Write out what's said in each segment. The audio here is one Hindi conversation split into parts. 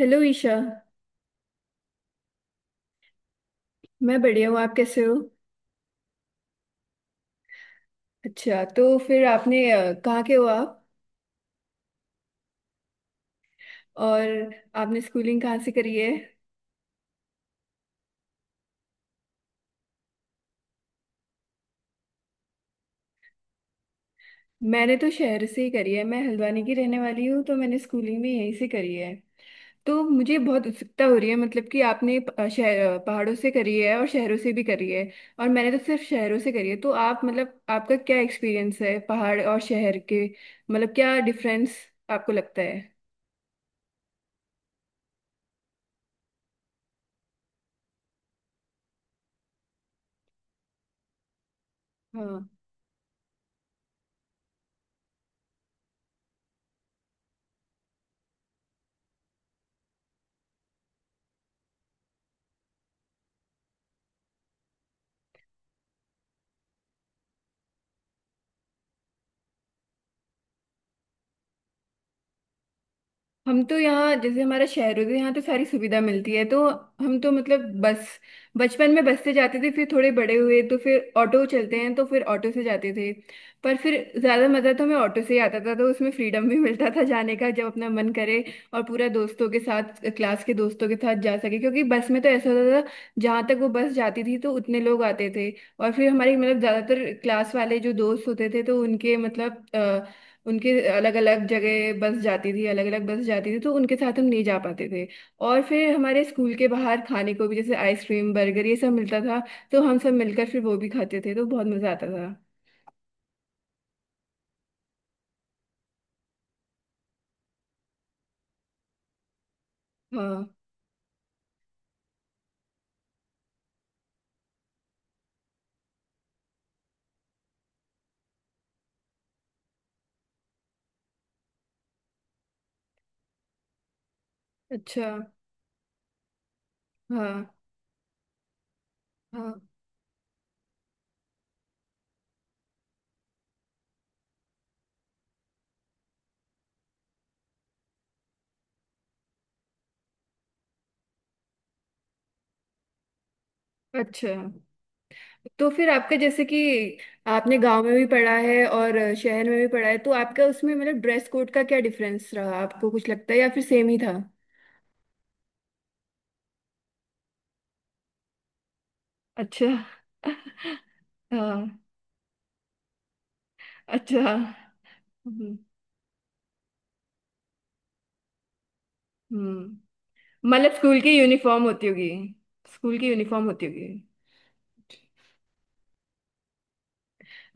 हेलो ईशा। मैं बढ़िया हूँ, आप कैसे हो? अच्छा तो फिर आपने कहाँ के हो आप? और आपने स्कूलिंग कहाँ से करी है? मैंने तो शहर से ही करी है, मैं हल्द्वानी की रहने वाली हूँ, तो मैंने स्कूलिंग भी यहीं से करी है। तो मुझे बहुत उत्सुकता हो रही है, मतलब कि आपने पहाड़ों से करी है और शहरों से भी करी है। और मैंने तो सिर्फ शहरों से करी है, तो आप मतलब आपका क्या एक्सपीरियंस है पहाड़ और शहर के, मतलब क्या डिफरेंस आपको लगता है? हाँ। हम तो यहाँ जैसे हमारा शहर होता है तो यहाँ तो सारी सुविधा मिलती है, तो हम तो मतलब बस बचपन में बस से जाते थे। फिर थोड़े बड़े हुए तो फिर ऑटो चलते हैं, तो फिर ऑटो से जाते थे। पर फिर ज़्यादा मज़ा तो हमें ऑटो से ही आता था, तो उसमें फ्रीडम भी मिलता था जाने का, जब अपना मन करे। और पूरा दोस्तों के साथ, क्लास के दोस्तों के साथ जा सके, क्योंकि बस में तो ऐसा होता था, जहाँ तक वो बस जाती थी तो उतने लोग आते थे। और फिर हमारी मतलब ज़्यादातर क्लास वाले जो दोस्त होते थे, तो उनके अलग अलग जगह बस जाती थी, अलग अलग बस जाती थी, तो उनके साथ हम नहीं जा पाते थे। और फिर हमारे स्कूल के बाहर खाने को भी, जैसे आइसक्रीम, बर्गर, ये सब मिलता था, तो हम सब मिलकर फिर वो भी खाते थे, तो बहुत मजा आता था। हाँ। अच्छा। हाँ। हाँ। अच्छा तो फिर आपका, जैसे कि आपने गांव में भी पढ़ा है और शहर में भी पढ़ा है, तो आपका उसमें मतलब ड्रेस कोड का क्या डिफरेंस रहा, आपको कुछ लगता है या फिर सेम ही था? अच्छा। हाँ। अच्छा। हम्म। हम्म। मतलब स्कूल की यूनिफॉर्म होती होगी। स्कूल की यूनिफॉर्म होती होगी।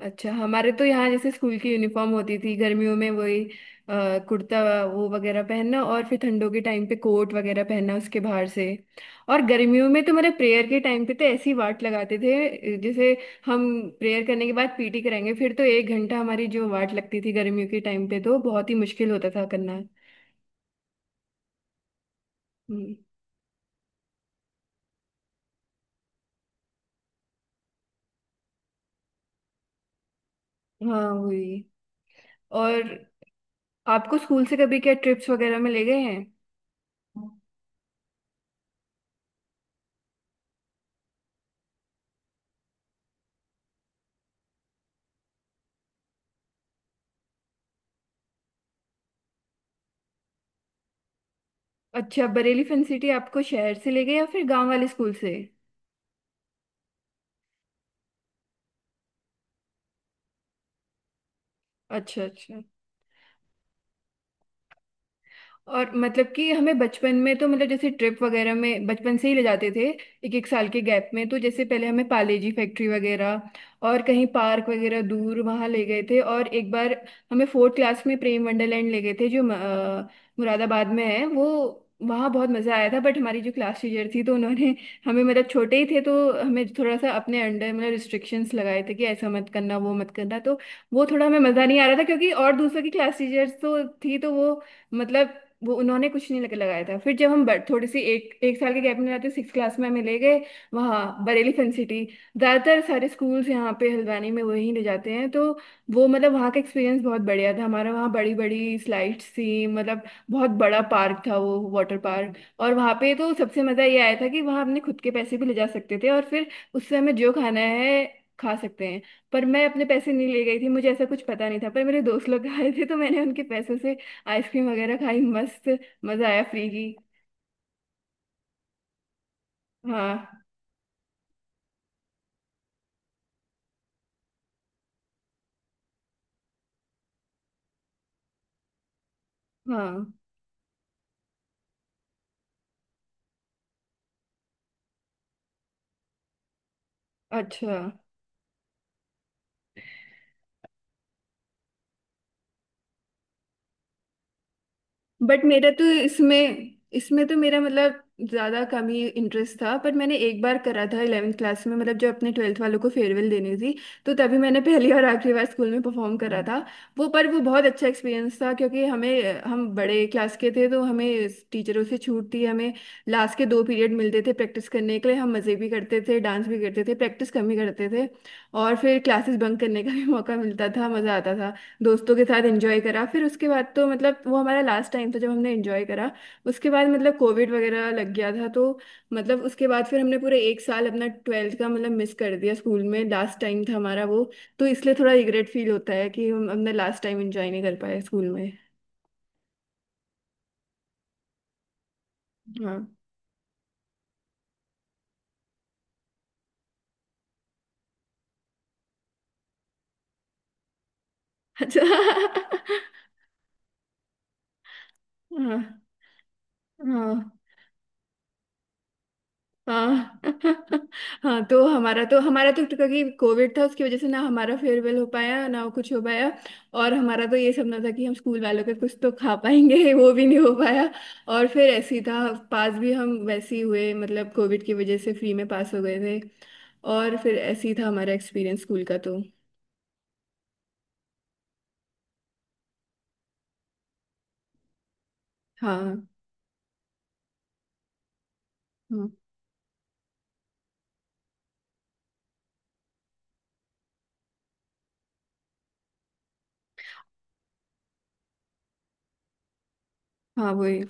अच्छा, हमारे तो यहाँ जैसे स्कूल की यूनिफॉर्म होती थी, गर्मियों में वही कुर्ता वो वगैरह पहनना, और फिर ठंडों के टाइम पे कोट वगैरह पहनना उसके बाहर से। और गर्मियों में तो मेरे प्रेयर के टाइम पे तो ऐसी वाट लगाते थे, जैसे हम प्रेयर करने के बाद पीटी कराएंगे, फिर तो 1 घंटा हमारी जो वाट लगती थी गर्मियों के टाइम पे, तो बहुत ही मुश्किल होता था करना। हम्म। हाँ, वही। और आपको स्कूल से कभी क्या ट्रिप्स वगैरह में ले गए हैं? अच्छा, बरेली फन सिटी आपको शहर से ले गए या फिर गांव वाले स्कूल से? अच्छा। अच्छा। और मतलब कि हमें बचपन में तो मतलब जैसे ट्रिप वगैरह में बचपन से ही ले जाते थे। एक एक साल के गैप में तो जैसे पहले हमें पाले जी फैक्ट्री वगैरह और कहीं पार्क वगैरह दूर वहाँ ले गए थे। और एक बार हमें फोर्थ क्लास में प्रेम वंडरलैंड ले गए थे, जो मुरादाबाद में है। वो वहाँ बहुत मज़ा आया था। बट हमारी जो क्लास टीचर थी तो उन्होंने हमें, मतलब छोटे ही थे तो हमें थोड़ा सा अपने अंडर मतलब रिस्ट्रिक्शंस लगाए थे, कि ऐसा मत करना वो मत करना, तो वो थोड़ा हमें मज़ा नहीं आ रहा था। क्योंकि और दूसरों की क्लास टीचर्स तो थी, तो मतलब वो उन्होंने कुछ नहीं लगाया था। फिर जब हम थोड़ी सी एक एक साल के गैप में जाते सिक्स क्लास में हमें ले गए वहाँ बरेली फन सिटी। ज़्यादातर सारे स्कूल्स यहाँ पे हल्द्वानी में वहीं ले जाते हैं, तो वो मतलब वहाँ का एक्सपीरियंस बहुत बढ़िया था हमारा। वहाँ बड़ी बड़ी स्लाइड्स थी, मतलब बहुत बड़ा पार्क था वो, वाटर पार्क। और वहाँ पे तो सबसे मज़ा ये आया था कि वहाँ अपने खुद के पैसे भी ले जा सकते थे, और फिर उससे हमें जो खाना है खा सकते हैं। पर मैं अपने पैसे नहीं ले गई थी, मुझे ऐसा कुछ पता नहीं था। पर मेरे दोस्त लोग आए थे, तो मैंने उनके पैसों से आइसक्रीम वगैरह खाई, मस्त मजा आया, फ्री की। हाँ। हाँ। अच्छा। बट मेरा तो इसमें इसमें तो मेरा मतलब ज्यादा कम ही इंटरेस्ट था। पर मैंने एक बार करा था इलेवेंथ क्लास में, मतलब जब अपने ट्वेल्थ वालों को फेयरवेल देनी थी, तो तभी मैंने पहली और आखिरी बार स्कूल में परफॉर्म करा था। वो पर वो बहुत अच्छा एक्सपीरियंस था, क्योंकि हमें, हम बड़े क्लास के थे तो हमें टीचरों से छूट थी। हमें लास्ट के दो पीरियड मिलते थे प्रैक्टिस करने के लिए। हम मज़े भी करते थे, डांस भी करते थे, प्रैक्टिस कम ही करते थे। और फिर क्लासेस बंक करने का भी मौका मिलता था, मज़ा आता था। दोस्तों के साथ एंजॉय करा। फिर उसके बाद तो मतलब वो हमारा लास्ट टाइम था जब हमने एंजॉय करा। उसके बाद मतलब कोविड वगैरह लग गया था, तो मतलब उसके बाद फिर हमने पूरे एक साल अपना ट्वेल्थ का मतलब मिस कर दिया। स्कूल में लास्ट टाइम था हमारा वो, तो इसलिए थोड़ा रिग्रेट फील होता है कि हम अपना लास्ट टाइम एंजॉय नहीं कर पाए स्कूल में। हाँ। अच्छा। हाँ। हाँ। हाँ। हाँ। तो हमारा तो क्योंकि कोविड था उसकी वजह से, ना हमारा फेयरवेल हो पाया ना कुछ हो पाया। और हमारा तो ये सपना था कि हम स्कूल वालों के कुछ तो खा पाएंगे, वो भी नहीं हो पाया। और फिर ऐसे ही था, पास भी हम वैसे ही हुए, मतलब कोविड की वजह से फ्री में पास हो गए थे। और फिर ऐसे ही था हमारा एक्सपीरियंस स्कूल का तो। हाँ। हाँ। हाँ, वही।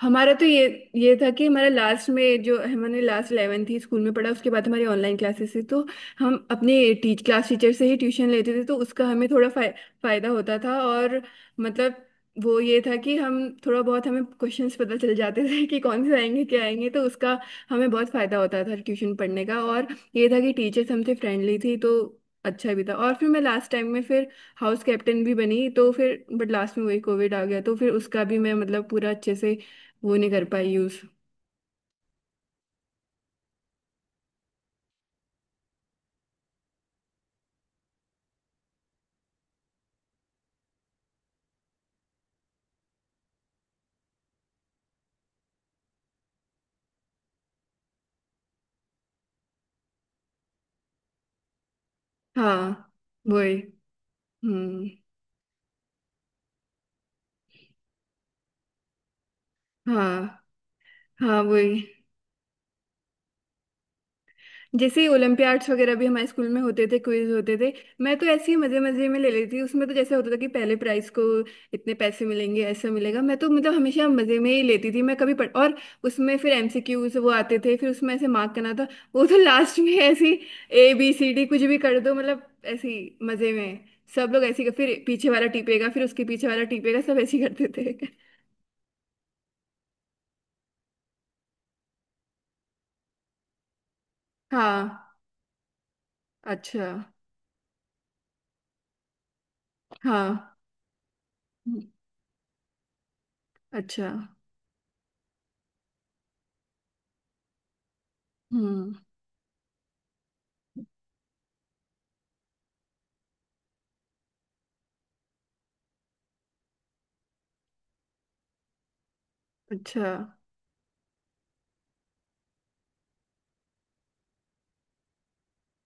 हमारा तो ये था कि हमारा लास्ट में जो हमने लास्ट इलेवन थी स्कूल में पढ़ा, उसके बाद हमारी ऑनलाइन क्लासेस थी तो। हम अपने टीच क्लास टीचर से ही ट्यूशन लेते थे, तो उसका हमें थोड़ा फायदा होता था। और मतलब वो ये था कि हम थोड़ा बहुत हमें क्वेश्चंस पता चल जाते थे कि कौन से आएंगे क्या आएंगे, तो उसका हमें बहुत फायदा होता था ट्यूशन पढ़ने का। और ये था कि टीचर्स हमसे फ्रेंडली थी तो अच्छा भी था। और फिर मैं लास्ट टाइम में फिर हाउस कैप्टन भी बनी, तो फिर बट लास्ट में वही कोविड आ गया, तो फिर उसका भी मैं मतलब पूरा अच्छे से वो नहीं कर पाई यूज। हाँ, वही। हम्म। हाँ। हाँ, वही। जैसे ही ओलंपियाड्स वगैरह भी हमारे स्कूल में होते थे, क्विज होते थे। मैं तो ऐसे ही मजे मजे में ले लेती। उसमें तो जैसे होता था कि पहले प्राइस को इतने पैसे मिलेंगे, ऐसा मिलेगा, मैं तो मतलब हमेशा मजे में ही लेती थी, मैं कभी पढ़ और। उसमें फिर MCQs वो आते थे, फिर उसमें ऐसे मार्क करना था। वो तो लास्ट में ऐसी ABCD कुछ भी कर दो, मतलब ऐसी मजे में। सब लोग ऐसी फिर पीछे वाला टीपेगा, फिर उसके पीछे वाला टीपेगा, सब ऐसे ही करते थे। हाँ। अच्छा। हाँ। हम्म। अच्छा। हम्म। अच्छा।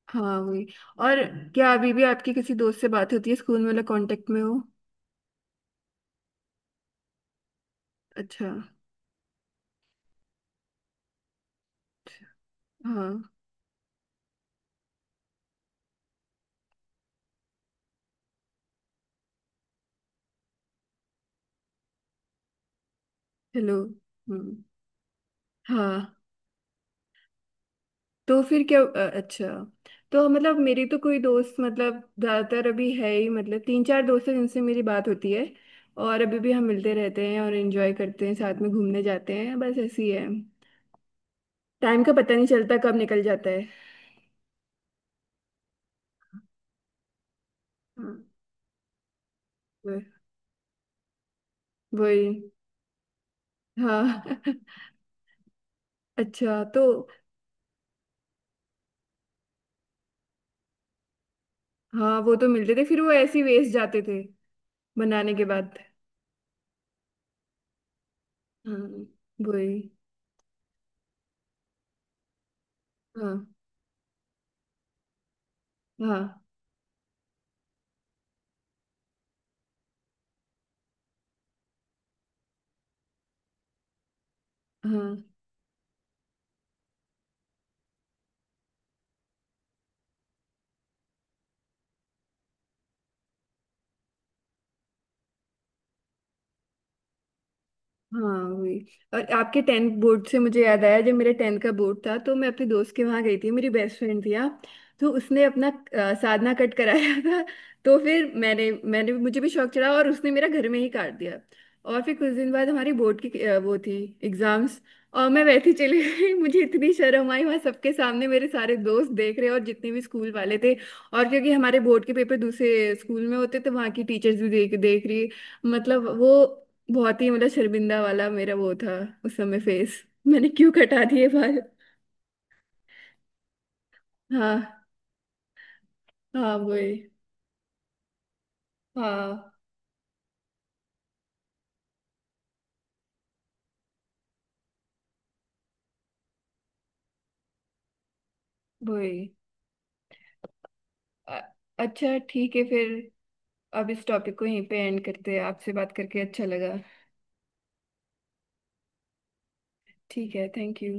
हाँ, वही। और क्या अभी भी आपकी किसी दोस्त से बात होती है, स्कूल में वाला कांटेक्ट में हो? अच्छा। अच्छा। हाँ। हेलो। हम्म। हाँ। तो फिर क्या, अच्छा, तो मतलब मेरी तो कोई दोस्त मतलब ज़्यादातर अभी है ही, मतलब तीन चार दोस्त हैं जिनसे मेरी बात होती है। और अभी भी हम मिलते रहते हैं और एंजॉय करते हैं, साथ में घूमने जाते हैं, बस ऐसी है। टाइम का पता नहीं चलता कब निकल जाता है। हाँ, वही। हाँ। अच्छा तो हाँ, वो तो मिलते थे, फिर वो ऐसे ही वेस्ट जाते थे बनाने के बाद। हाँ, वही। हाँ। हाँ। हाँ। हाँ, वही। और आपके टेंथ बोर्ड से मुझे याद आया, जब मेरे टेंथ का बोर्ड था तो मैं अपने दोस्त के वहाँ गई थी, मेरी बेस्ट फ्रेंड थी, हाँ। तो उसने अपना साधना कट कराया था। तो फिर मैंने मैंने मुझे भी शौक चढ़ा, और उसने मेरा घर में ही काट दिया। और फिर कुछ दिन बाद हमारी बोर्ड की वो थी, एग्जाम्स, और मैं वैसे ही चली गई। मुझे इतनी शर्म आई वहाँ सबके सामने, मेरे सारे दोस्त देख रहे और जितने भी स्कूल वाले थे। और क्योंकि हमारे बोर्ड के पेपर दूसरे स्कूल में होते, तो वहाँ की टीचर्स भी देख देख रही, मतलब वो बहुत ही, मतलब शर्मिंदा वाला मेरा वो था उस समय फेस। मैंने क्यों कटा दिए बाल। हाँ। हाँ, वही। हाँ, वही। अ- अच्छा ठीक है फिर। अब इस टॉपिक को यहीं पे एंड करते हैं, आपसे बात करके अच्छा लगा। ठीक है, थैंक यू।